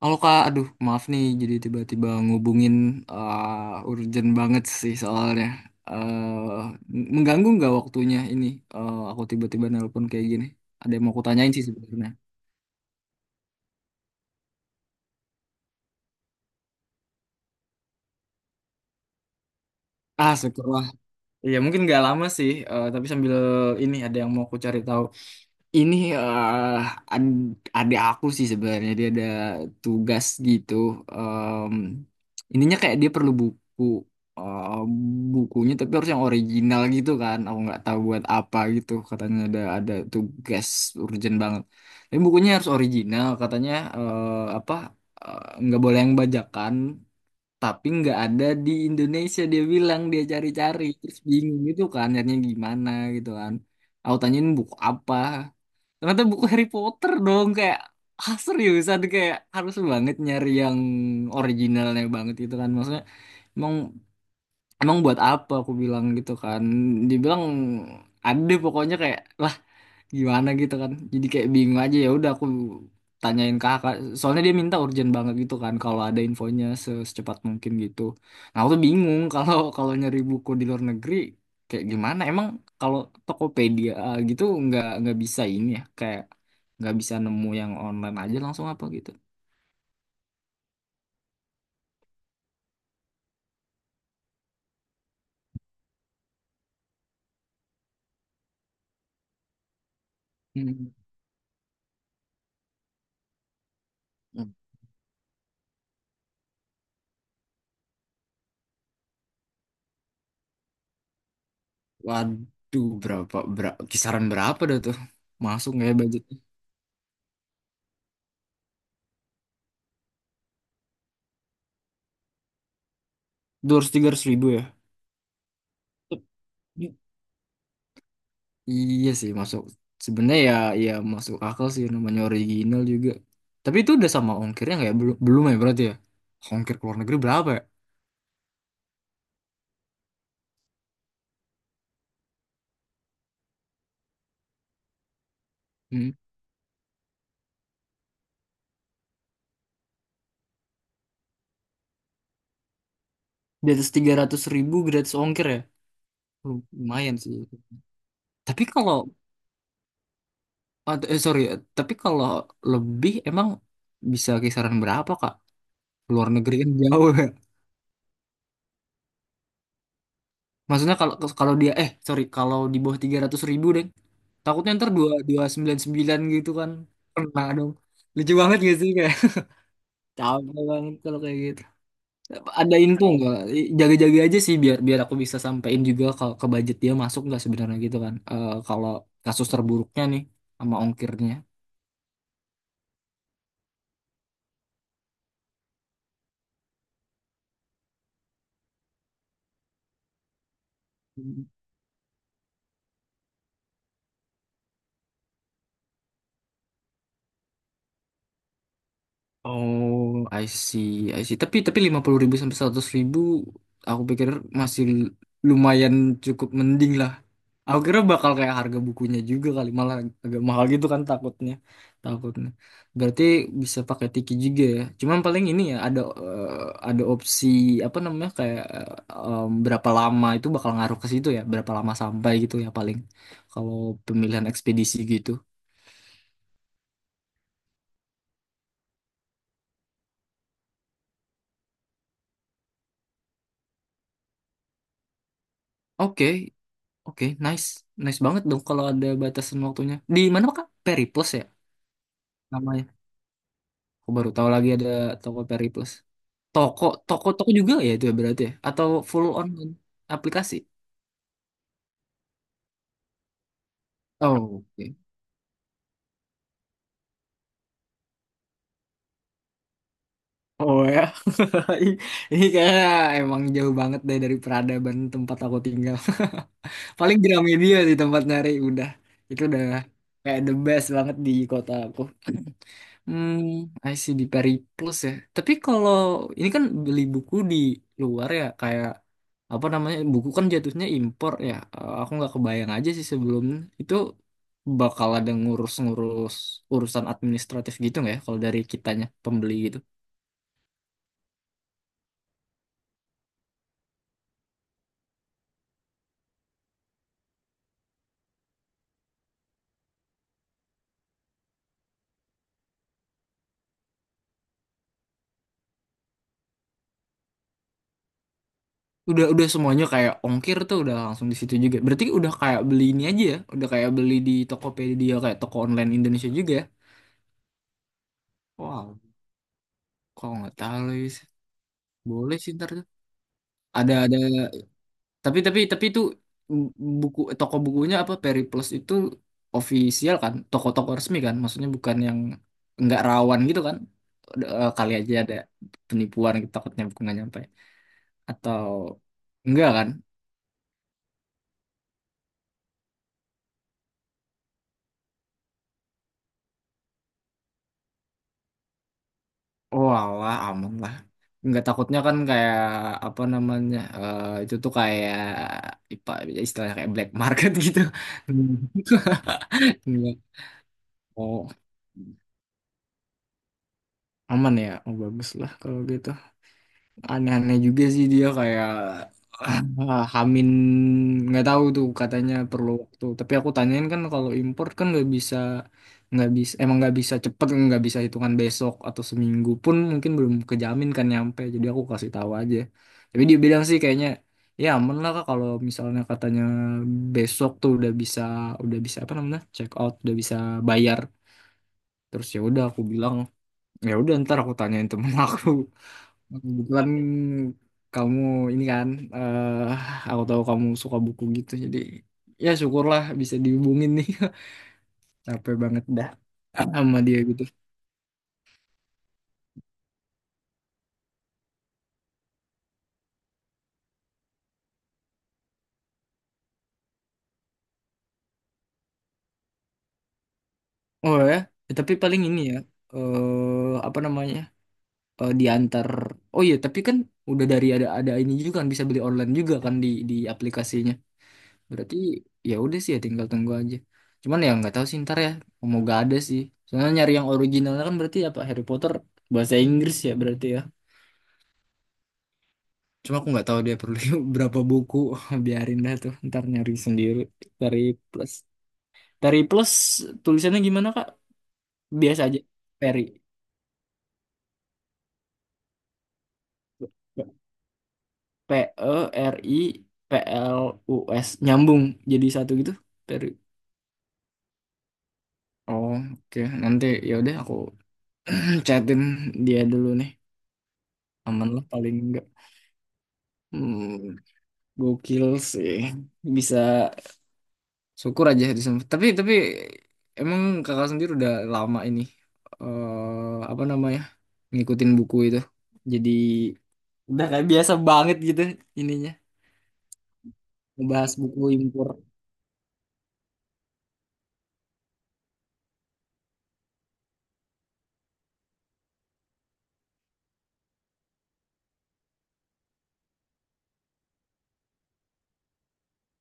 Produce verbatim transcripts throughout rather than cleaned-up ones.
Halo Kak, aduh maaf nih jadi tiba-tiba ngubungin eh, urgent banget sih soalnya. eh Mengganggu nggak waktunya ini? Eh, aku tiba-tiba nelpon kayak gini. Ada yang mau aku tanyain sih sebenarnya. Ah, syukurlah. Iya mungkin nggak lama sih, eh, tapi sambil ini ada yang mau aku cari tahu. Ini eh ad- Adik aku sih sebenarnya dia ada tugas gitu. Em, Ininya kayak dia perlu buku, eh, bukunya tapi harus yang original gitu kan. Aku nggak tahu buat apa gitu. Katanya ada ada tugas urgent banget. Tapi bukunya harus original. Katanya eh, apa, eh, nggak boleh yang bajakan. Tapi nggak ada di Indonesia, dia bilang dia cari-cari terus bingung gitu kan. Nyarinya gimana gitu kan. Aku tanyain buku apa, ternyata buku Harry Potter dong, kayak ah seriusan kayak harus banget nyari yang originalnya banget gitu kan, maksudnya emang emang buat apa aku bilang gitu kan, dibilang ada pokoknya kayak lah gimana gitu kan, jadi kayak bingung aja. Ya udah aku tanyain ke kakak soalnya dia minta urgent banget gitu kan, kalau ada infonya se- secepat mungkin gitu. Nah aku tuh bingung kalau kalau nyari buku di luar negeri kayak gimana emang, kalau Tokopedia eh, gitu nggak nggak bisa ini ya, kayak nggak bisa nemu yang online aja langsung apa gitu. Hmm. Waduh, berapa, berapa kisaran berapa dah tuh? Masuk nggak ya budgetnya? Dua ratus tiga ratus ribu ya? Iya sih masuk sebenarnya ya, ya masuk akal sih namanya original juga. Tapi itu udah sama ongkirnya nggak ya? Belum belum ya berarti ya. Ongkir ke luar negeri berapa ya? Hmm. Di atas tiga ratus gratis ongkir ya. Lu- Lumayan sih. Tapi kalau atau- eh sorry, eh, tapi kalau lebih emang bisa kisaran berapa Kak? Luar negeri kan jauh ya. Maksudnya kalau kalau dia eh sorry kalau di bawah tiga ratus deh. Takutnya ntar dua dua sembilan sembilan gitu kan. Kena dong. Lucu banget gak sih. Capek banget kalau kayak gitu. Ada info nggak? Jaga-jaga aja sih biar biar aku bisa sampein juga kalau ke budget dia masuk nggak sebenarnya gitu kan. Eh, kalau kasus terburuknya nih sama ongkirnya. Oh, I see, I see. Tapi tapi lima puluh ribu sampai seratus ribu aku pikir masih lumayan cukup mending lah. Aku kira bakal kayak harga bukunya juga kali, malah agak mahal gitu kan takutnya. Takutnya. Berarti bisa pakai Tiki juga ya. Cuman paling ini ya ada eh, ada opsi apa namanya kayak, eh, em, berapa lama itu bakal ngaruh ke situ ya, berapa lama sampai gitu ya, paling kalau pemilihan ekspedisi gitu. Oke, oke, nice. Nice banget dong kalau ada batasan waktunya. Di mana Kak? Periplus ya namanya. Aku baru tahu lagi ada Tokopedia Plus. Toko, toko, toko juga ya itu ya berarti ya? Atau full online aplikasi? Oh, oke. Oh ya. Ini ini kayaknya emang jauh banget deh dari peradaban tempat aku tinggal. Paling Gramedia sih tempat nyari udah. Itu udah kayak the best banget di kota aku. Hmm, I see, di Peri Plus ya. Tapi kalau ini kan beli buku di luar ya, kayak apa namanya, buku kan jatuhnya impor ya. Eh, Aku nggak kebayang aja sih sebelum itu bakal ada ngurus-ngurus urusan administratif gitu nggak ya? Kalau dari kitanya pembeli gitu. Udah udah semuanya kayak ongkir tuh udah langsung di situ juga. Berarti udah kayak beli ini aja ya, udah kayak beli di Tokopedia, kayak toko online Indonesia juga ya. Wow, kok nggak tahu lagi sih. Boleh sih ntar tuh. Ada ada. Tapi tapi tapi itu, mm, buku toko bukunya apa Periplus itu official kan, toko-toko resmi kan, maksudnya bukan yang nggak rawan gitu kan. Eh, Kali aja ada penipuan gitu, takutnya buku nggak nyampe atau enggak kan? Oh alah aman lah. Nggak takutnya kan kayak apa namanya, eh, itu tuh kayak ipa istilahnya kayak black market gitu. Enggak. Oh aman ya, oh bagus lah kalau gitu. Aneh-aneh juga sih dia kayak ah, Hamin nggak tahu tuh katanya perlu waktu, tapi aku tanyain kan kalau import kan nggak bisa nggak bisa, emang nggak bisa cepet, nggak bisa hitungan besok atau seminggu pun mungkin belum kejamin kan nyampe, jadi aku kasih tahu aja. Tapi dia bilang sih kayaknya ya aman lah Kak, kalau misalnya katanya besok tuh udah bisa, udah bisa apa namanya check out, udah bisa bayar. Terus ya udah aku bilang ya udah ntar aku tanyain temen aku. Kebetulan kamu ini kan, eh aku tahu kamu suka buku gitu, jadi ya syukurlah bisa dihubungin nih. Capek banget dah sama dia gitu. Oh ya. Eh, tapi paling ini ya, eh apa namanya, eh, diantar. Oh iya, tapi kan udah dari ada ada ini juga kan, bisa beli online juga kan di di aplikasinya. Berarti ya udah sih ya, tinggal tunggu aja. Cuman ya nggak tahu sih ntar ya, mau gak ada sih. Soalnya nyari yang originalnya kan berarti apa, Harry Potter bahasa Inggris ya berarti ya. Cuma aku nggak tahu dia perlu berapa buku. Biarin dah tuh. Ntar nyari sendiri. Tari Plus. Tari Plus tulisannya gimana, Kak? Biasa aja. Peri. P E R I P L U S. Nyambung jadi satu gitu. Peri. Oh, oke. Nanti ya udah aku chatin dia dulu nih. Aman lah paling enggak. Hmm, gokil sih. Bisa syukur aja di sana. Tapi tapi emang kakak sendiri udah lama ini, eh apa namanya, ngikutin buku itu. Jadi udah kayak biasa banget gitu ininya ngebahas buku impor.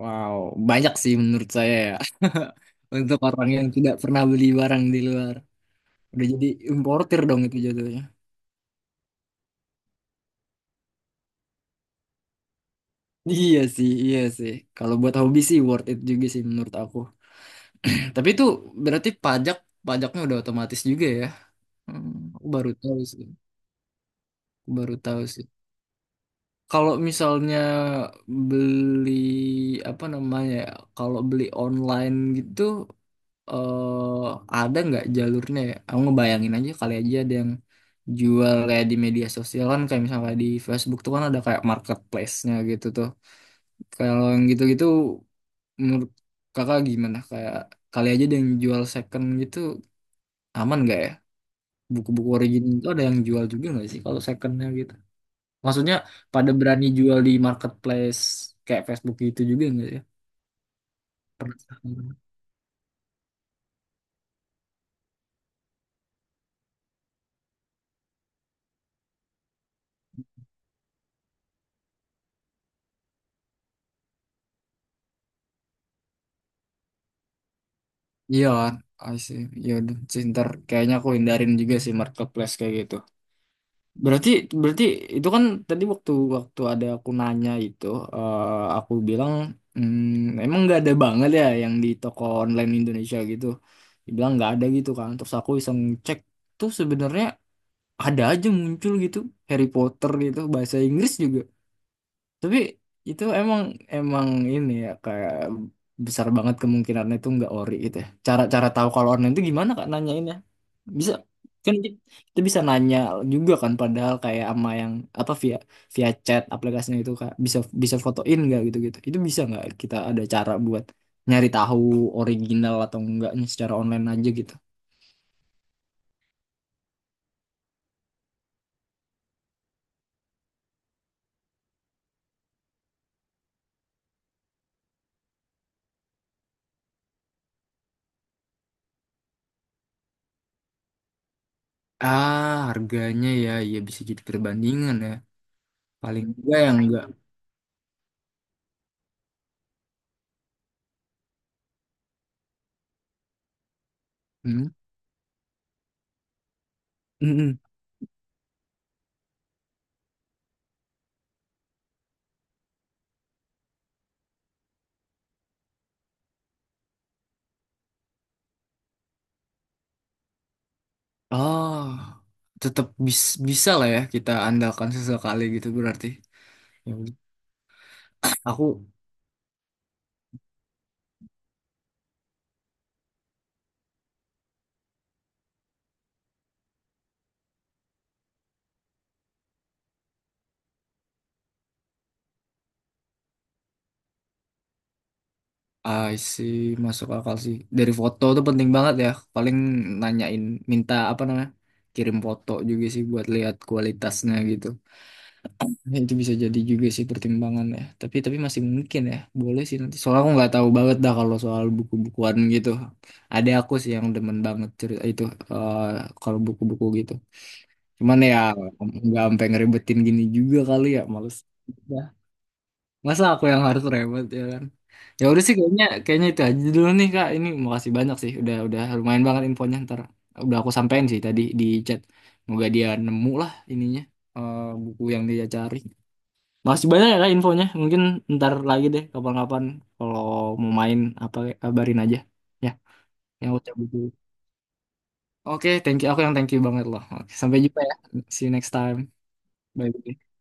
Wow, banyak sih menurut saya ya. Untuk orang yang tidak pernah beli barang di luar. Udah jadi importir dong itu jatuhnya. Iya sih, iya sih. Kalau buat hobi sih worth it juga sih menurut aku. Tapi itu berarti pajak pajaknya udah otomatis juga ya. Hmm, aku baru tahu sih. Baru tahu sih. Kalau misalnya beli apa namanya ya, kalau beli online gitu, eh ada nggak jalurnya ya? Aku ngebayangin aja kali aja ada yang jual kayak di media sosial, kan kayak misalnya di Facebook tuh kan ada kayak marketplace-nya gitu tuh. Kalau yang gitu-gitu menurut kakak gimana? Kayak kali aja ada yang jual second gitu aman nggak ya? Buku-buku original itu ada yang jual juga nggak sih kalau secondnya gitu? Maksudnya pada berani jual di marketplace kayak Facebook gitu juga nggak ya? Pernah. Iya kan? I see. Ya udah sih, ntar kayaknya aku hindarin juga sih marketplace kayak gitu. Berarti berarti itu kan tadi waktu waktu ada aku nanya itu, eh, aku bilang, "Hmm, emang nggak ada banget ya yang di toko online Indonesia gitu." Dibilang nggak ada gitu kan. Terus aku iseng cek tuh sebenarnya ada aja muncul gitu, Harry Potter gitu bahasa Inggris juga. Tapi itu emang emang ini ya kayak besar banget kemungkinannya itu nggak ori gitu ya. Cara-cara tahu kalau online itu gimana Kak nanyainnya? Bisa kan, ki- kita bisa nanya juga kan, padahal kayak ama yang apa, via via chat aplikasinya itu Kak, bisa bisa fotoin nggak gitu-gitu. Itu bisa nggak kita ada cara buat nyari tahu original atau enggaknya secara online aja gitu. Ah, harganya ya, ya bisa jadi perbandingan ya. Paling enggak yang enggak. Hmm. Oh, tetap bis- bisa lah ya kita andalkan sesekali gitu berarti. Ya udah. Aku I see, masuk akal sih. Dari foto tuh penting banget ya. Paling nanyain minta apa namanya? Kirim foto juga sih buat lihat kualitasnya gitu. Ya, itu bisa jadi juga sih pertimbangan ya. Tapi tapi masih mungkin ya. Boleh sih nanti. Soalnya aku nggak tahu banget dah kalau soal buku-bukuan gitu. Ada aku sih yang demen banget cerita itu, eh, kalau buku-buku gitu. Cuman ya nggak sampai ngeribetin gini juga kali ya, males. Ya. Masa aku yang harus ribet ya kan? Ya udah sih, kayaknya kayaknya itu aja dulu nih Kak. Ini makasih banyak sih, udah udah lumayan banget infonya, ntar udah aku sampein sih tadi di chat. Semoga dia nemu lah ininya, eh, buku yang dia cari. Makasih banyak ya Kak infonya. Mungkin ntar lagi deh kapan-kapan kalau mau main apa, kabarin aja ya. Yang aku cabut dulu. Oke, thank you. Aku yang thank you banget loh. Oke, sampai jumpa ya. See you next time. Bye.